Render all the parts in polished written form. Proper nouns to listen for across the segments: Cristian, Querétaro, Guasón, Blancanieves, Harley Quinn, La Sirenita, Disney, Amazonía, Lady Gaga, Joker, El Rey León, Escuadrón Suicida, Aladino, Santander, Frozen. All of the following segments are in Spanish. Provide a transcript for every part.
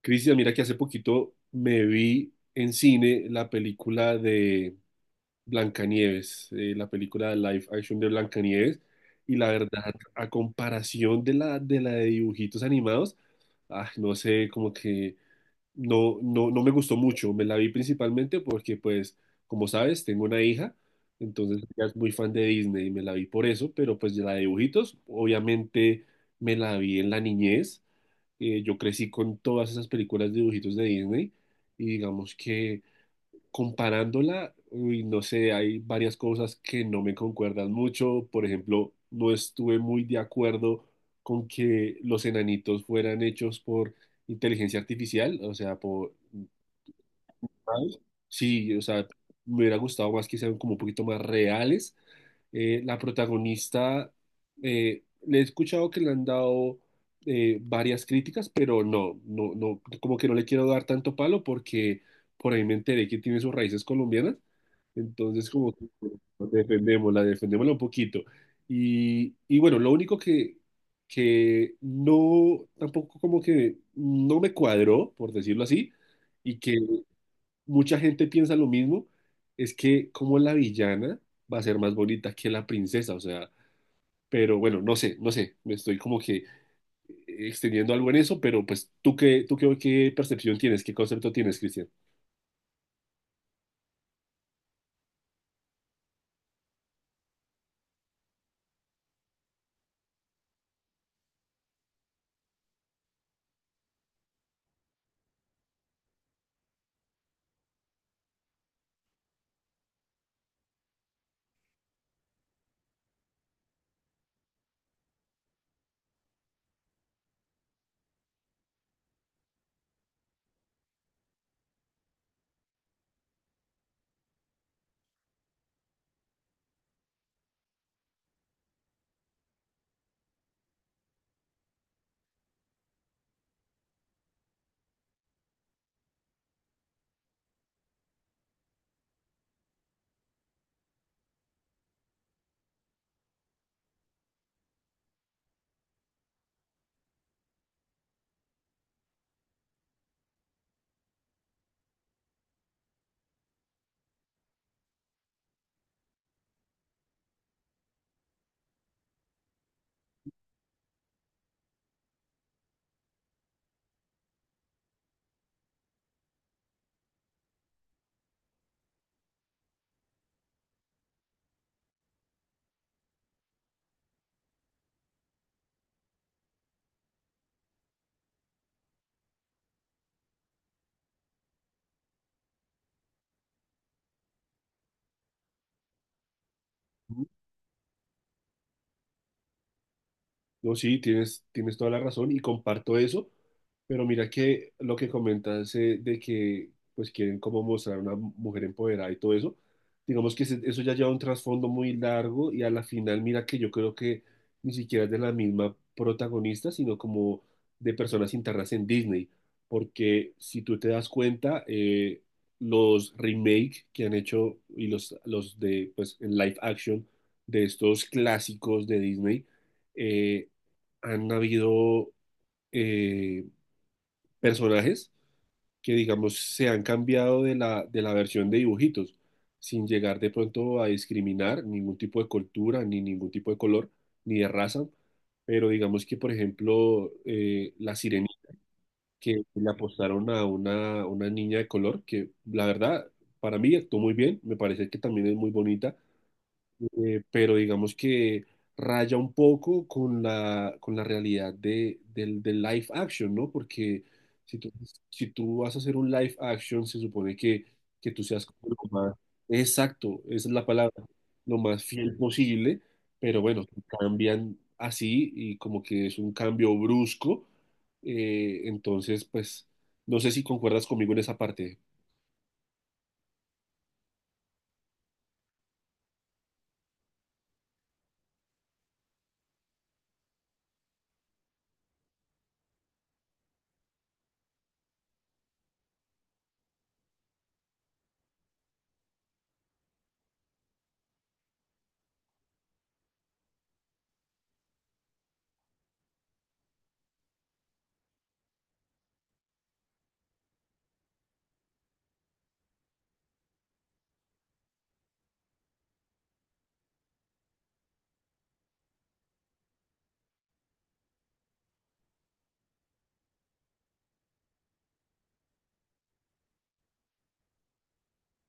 Cristian, mira que hace poquito me vi en cine la película de Blancanieves. La película de live action de Blancanieves, y la verdad, a comparación de la de dibujitos animados, ah, no sé, como que no, no, no me gustó mucho. Me la vi principalmente porque, pues, como sabes, tengo una hija. Entonces ella es muy fan de Disney y me la vi por eso, pero pues de la de dibujitos, obviamente me la vi en la niñez. Yo crecí con todas esas películas de dibujitos de Disney y digamos que comparándola, uy, no sé, hay varias cosas que no me concuerdan mucho. Por ejemplo, no estuve muy de acuerdo con que los enanitos fueran hechos por inteligencia artificial, o sea, por, ¿sabes? Sí, o sea, me hubiera gustado más que sean como un poquito más reales, la protagonista, le he escuchado que le han dado, varias críticas, pero no, no, no, como que no le quiero dar tanto palo porque por ahí me enteré que tiene sus raíces colombianas. Entonces, como que defendémosla, defendémosla un poquito. Y bueno, lo único que no, tampoco como que no me cuadró, por decirlo así, y que mucha gente piensa lo mismo, es que como la villana va a ser más bonita que la princesa, o sea, pero bueno, no sé, no sé, me estoy como que extendiendo algo en eso, pero pues qué percepción tienes, qué concepto tienes, Cristian. No, sí, tienes toda la razón y comparto eso, pero mira que lo que comentas, de que pues quieren como mostrar una mujer empoderada y todo eso, digamos que eso ya lleva un trasfondo muy largo, y a la final mira que yo creo que ni siquiera es de la misma protagonista, sino como de personas internas en Disney, porque si tú te das cuenta, los remake que han hecho y los de pues en live action de estos clásicos de Disney, eh, han habido, eh, personajes que, digamos, se han cambiado de la, versión de dibujitos, sin llegar de pronto a discriminar ningún tipo de cultura, ni ningún tipo de color, ni de raza. Pero digamos que, por ejemplo, la Sirenita, que le apostaron a una niña de color, que la verdad, para mí actuó muy bien, me parece que también es muy bonita, pero digamos que raya un poco con la, realidad del live action, ¿no? Porque si tú, si tú vas a hacer un live action, se supone que tú seas como lo más, exacto, esa es la palabra, lo más fiel posible, pero bueno, cambian así y como que es un cambio brusco. Entonces pues no sé si concuerdas conmigo en esa parte.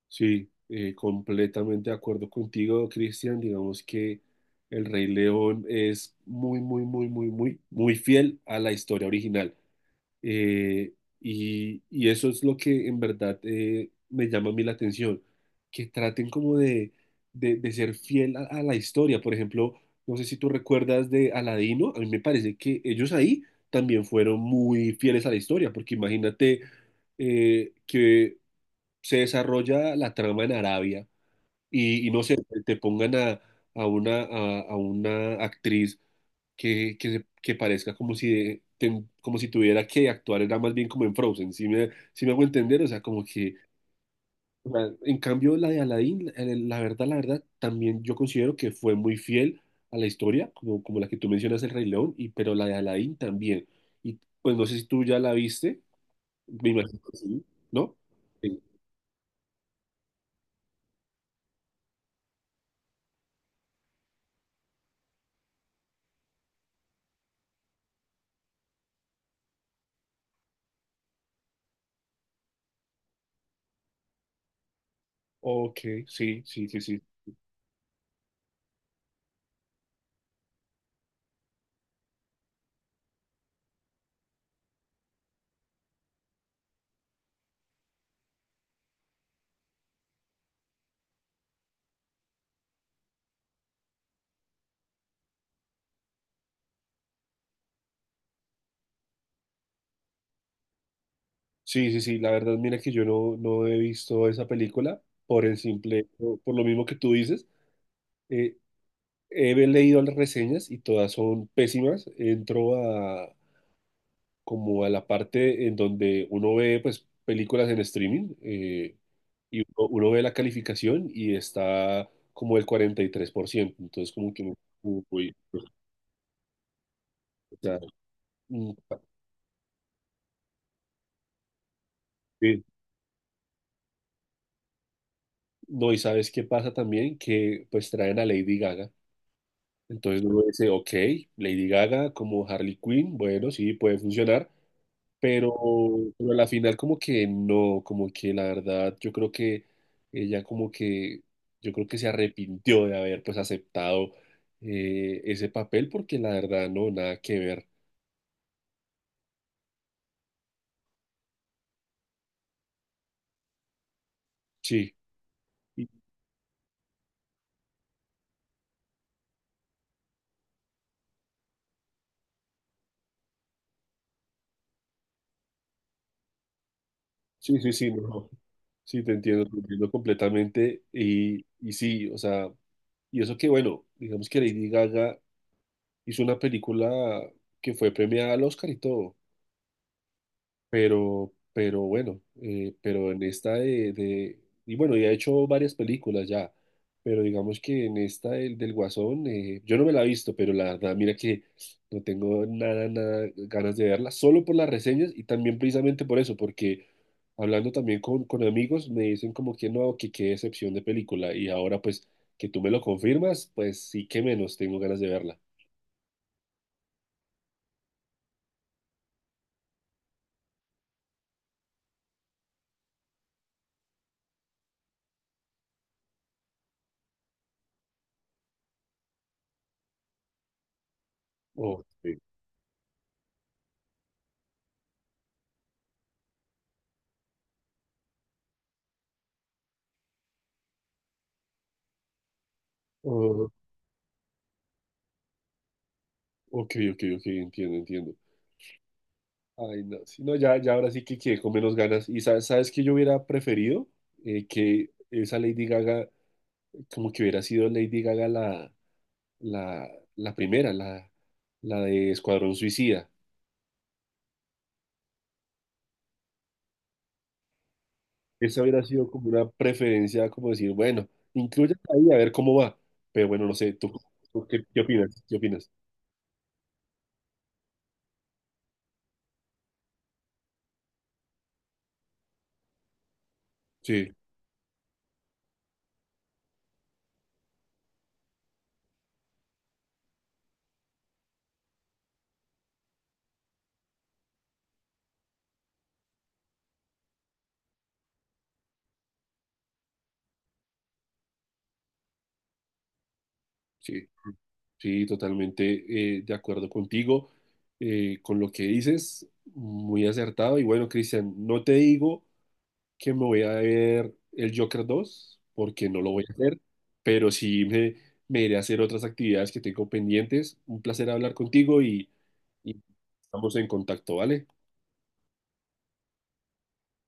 Sí, completamente de acuerdo contigo, Cristian. Digamos que el Rey León es muy, muy, muy, muy, muy, muy fiel a la historia original. Eh, y eso es lo que en verdad, me llama a mí la atención, que traten como de ser fiel a la historia. Por ejemplo, no sé si tú recuerdas de Aladino, a mí me parece que ellos ahí también fueron muy fieles a la historia, porque imagínate, que se desarrolla la trama en Arabia y no sé, te pongan a una actriz que parezca como si, como si tuviera que actuar, era más bien como en Frozen, si me hago entender? O sea, como que, o sea, en cambio la de Aladdin, la verdad, también yo considero que fue muy fiel a la historia, como la que tú mencionas, El Rey León, pero la de Aladdin también. Y pues no sé si tú ya la viste, me imagino que sí, ¿no? Sí. Ok, sí, sí, sí, sí. Sí, sí, sí, la verdad, mira que yo no he visto esa película por el simple, por lo mismo que tú dices. Eh, he leído las reseñas y todas son pésimas. Entro a, como, a la parte en donde uno ve pues películas en streaming, y uno ve la calificación y está como el 43%. Entonces como que uy, pues, o sea, mm, sí. No, y sabes qué pasa también, que pues traen a Lady Gaga. Entonces uno dice, ok, Lady Gaga como Harley Quinn, bueno, sí, puede funcionar, pero, pero a la final como que no, como que la verdad yo creo que ella como que, se arrepintió de haber pues aceptado, ese papel porque la verdad no, nada que ver. Sí, sí, sí, sí, no, sí, te entiendo completamente y sí, o sea, y eso que bueno, digamos que Lady Gaga hizo una película que fue premiada al Oscar y todo. Pero bueno, pero en esta y bueno, ya ha hecho varias películas ya, pero digamos que en esta del Guasón, yo no me la he visto, pero la verdad, mira que no tengo nada ganas de verla, solo por las reseñas y también precisamente por eso, porque hablando también con amigos me dicen como que no, que qué decepción de película, y ahora pues que tú me lo confirmas, pues sí que menos tengo ganas de verla. Ok, oh, ok, ok, ok, entiendo, entiendo. Ay, no, sí, no, ya, ya ahora sí que quedé con menos ganas. Y sabes que yo hubiera preferido. Que esa Lady Gaga, como que hubiera sido Lady Gaga la, la, primera, la de Escuadrón Suicida. Esa hubiera sido como una preferencia, como decir, bueno, incluye ahí a ver cómo va. Pero bueno, no sé, ¿tú qué opinas? ¿Qué opinas? Sí, sí, sí, totalmente, de acuerdo contigo, con lo que dices, muy acertado. Y bueno, Cristian, no te digo que me voy a ver el Joker 2 porque no lo voy a hacer, pero sí me, iré a hacer otras actividades que tengo pendientes. Un placer hablar contigo y estamos en contacto, ¿vale?